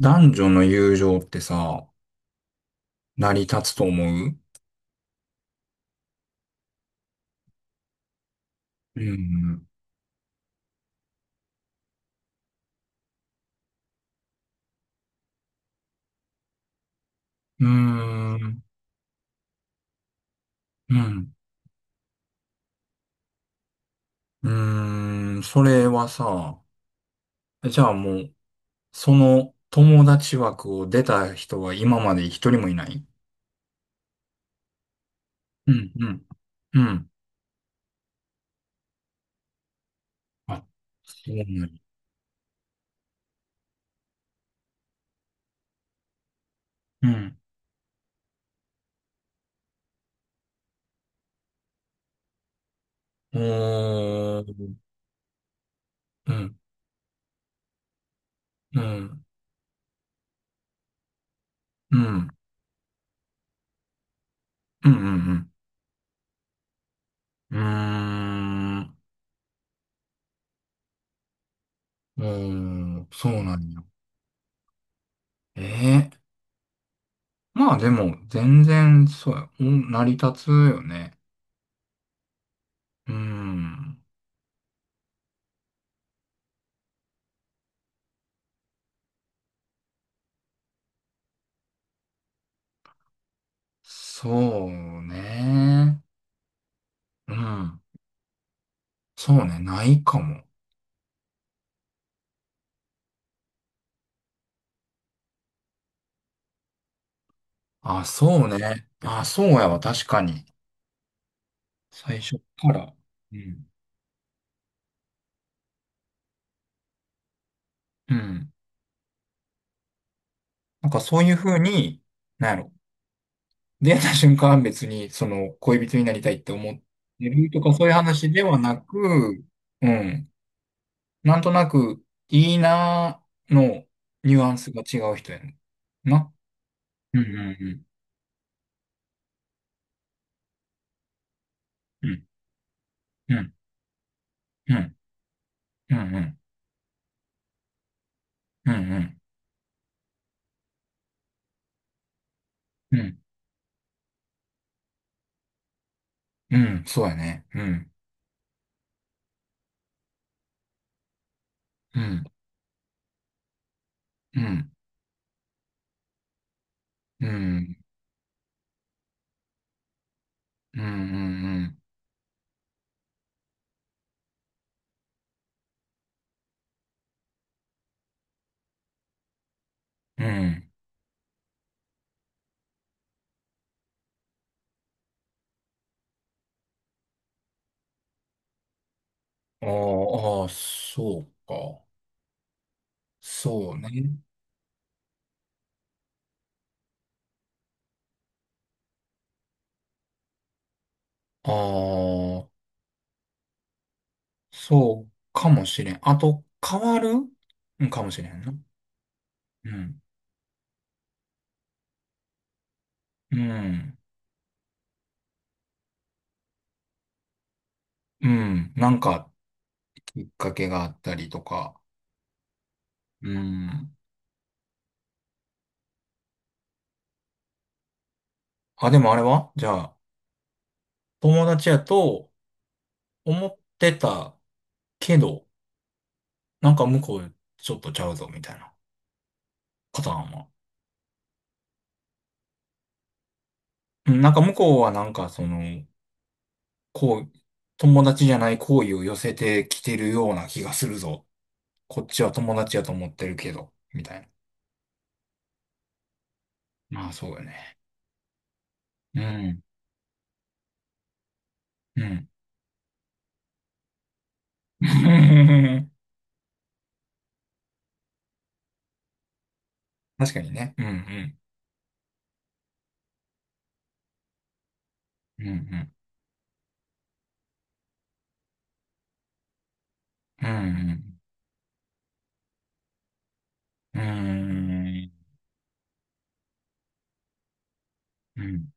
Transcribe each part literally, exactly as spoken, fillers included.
男女の友情ってさ、成り立つと思う。うん。うーん。うん。うーん。それはさ、じゃあもう、その友達枠を出た人は今まで一人もいない？うん。うん。うん。あ、そうなんや。うん。おー。うん。うん。うん。うん。うん。うん。うーん。うーん、そうなんや。ええ、まあでも、全然、そうや、お成り立つよね。うん。そうね。うん。そうね、ないかも。あ、そうね。あ、そうやわ、確かに。最初から。うん。うん。なんかそういうふうに、なんやろ。出会った瞬間は別に、その、恋人になりたいって思ってるとか、そういう話ではなく、うん。なんとなく、いいなーのニュアンスが違う人やね。な。うん。うん。うん。うん。うん。うん。うん。うん。うん。うん。うん。うん、そうやね。うん。うん。うん。うん。うん。うん。うん。うん。ああ、そうか。そうね。ああ、そうかもしれん。あと、変わる、うん、かもしれんな。うん。うん。うん。なんか、きっかけがあったりとか。うん。あ、でもあれはじゃあ、友達やと思ってたけど、なんか向こうちょっとちゃうぞみたいなパターンは。うん、なんか向こうはなんかその、こう、友達じゃない好意を寄せてきてるような気がするぞ。こっちは友達やと思ってるけど、みたいな。まあそうよね。うん、うん。確かにね。うん、うん、うん、うん、うん、うん、うん。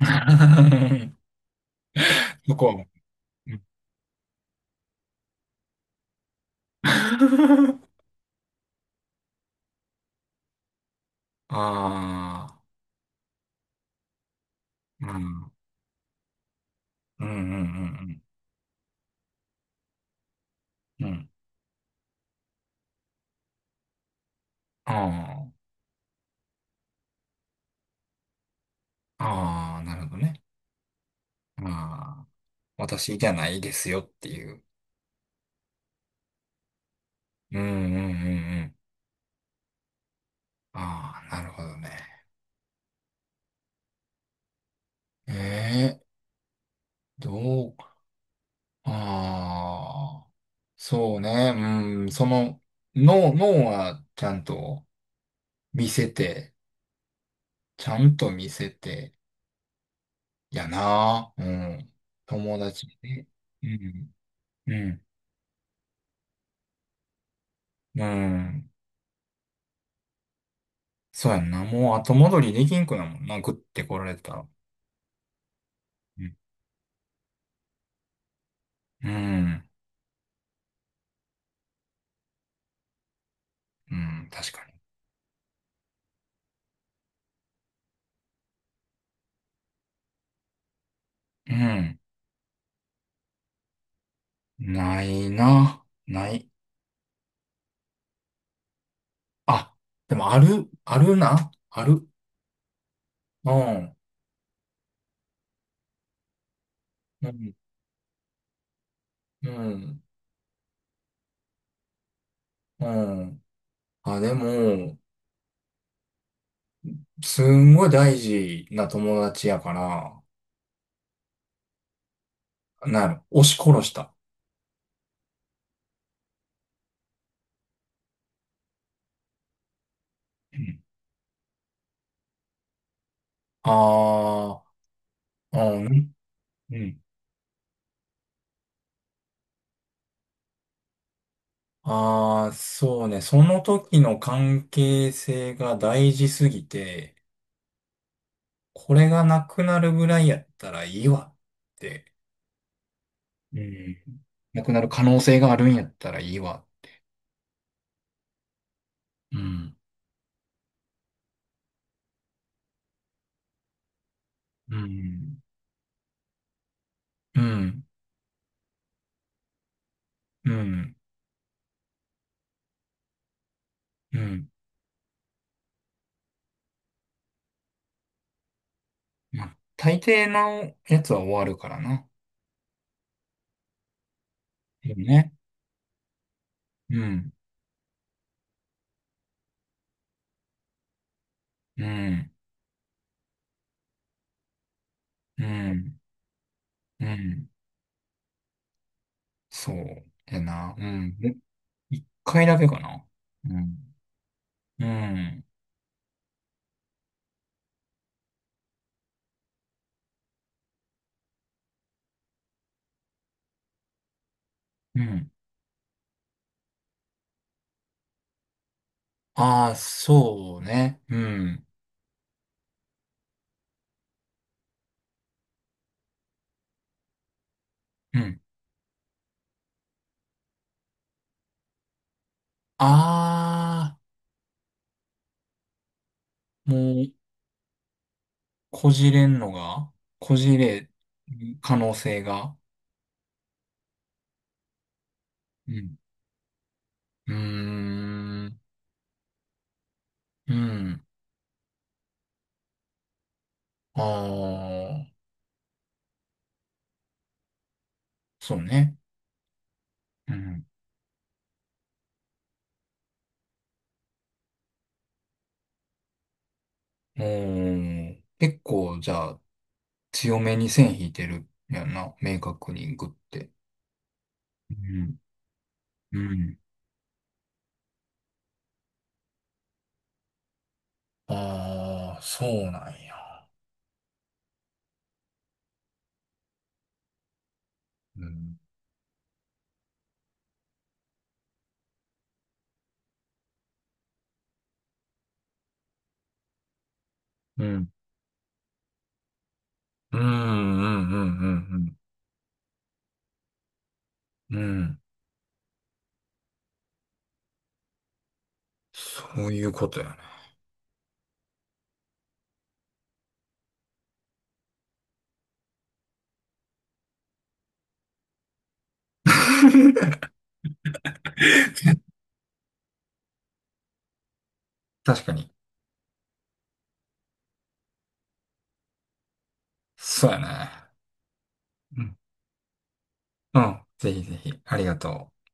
うん、向こうも。うん。 ああ、うん、うん、うん、うん、うん。うん。ああ。ああ、なるほどね。ああ、私じゃないですよっていう。うん、うん、うん、うん。ああ、なるほどね。ええ、どう、ああ、そうね。うん、その、脳、脳はちゃんと見せて、ちゃんと見せて、やな。うん。友達で。うん、うん、うん。そうやんな。もう後戻りできんくなもんな。グッて来られたら。うん、うん、うん、確かに。うん。ないな。ない。あ、でもある、あるな。ある。うん。うん。うん。うん。あ、でも、すんごい大事な友達やから、なる。押し殺した。うん。ああ、うん。うん。ああ、そうね。その時の関係性が大事すぎて、これがなくなるぐらいやったらいいわって。うん。なくなる可能性があるんやったらいいわ。うん。うん。うん。うん。うん。まあ、大抵のやつは終わるからな。でもね。うん。うん。うん。うん。そうやな。うん。で、一回だけかな。うん。うん。うん。ああ、そうね。うん。うん。ああ、もう、こじれんのが、こじれる可能性が。うん。うーん。うん。ああ、そうね。うん。おー、結構、じゃあ、強めに線引いてるやんな。明確にグって。うん。うん。ああ、そうなんや。うん。うん。うん、うん、うん、うん。うん。うん、そういうことやね。確かに。そうやね。うん。うん。ぜひぜひ。ありがとう。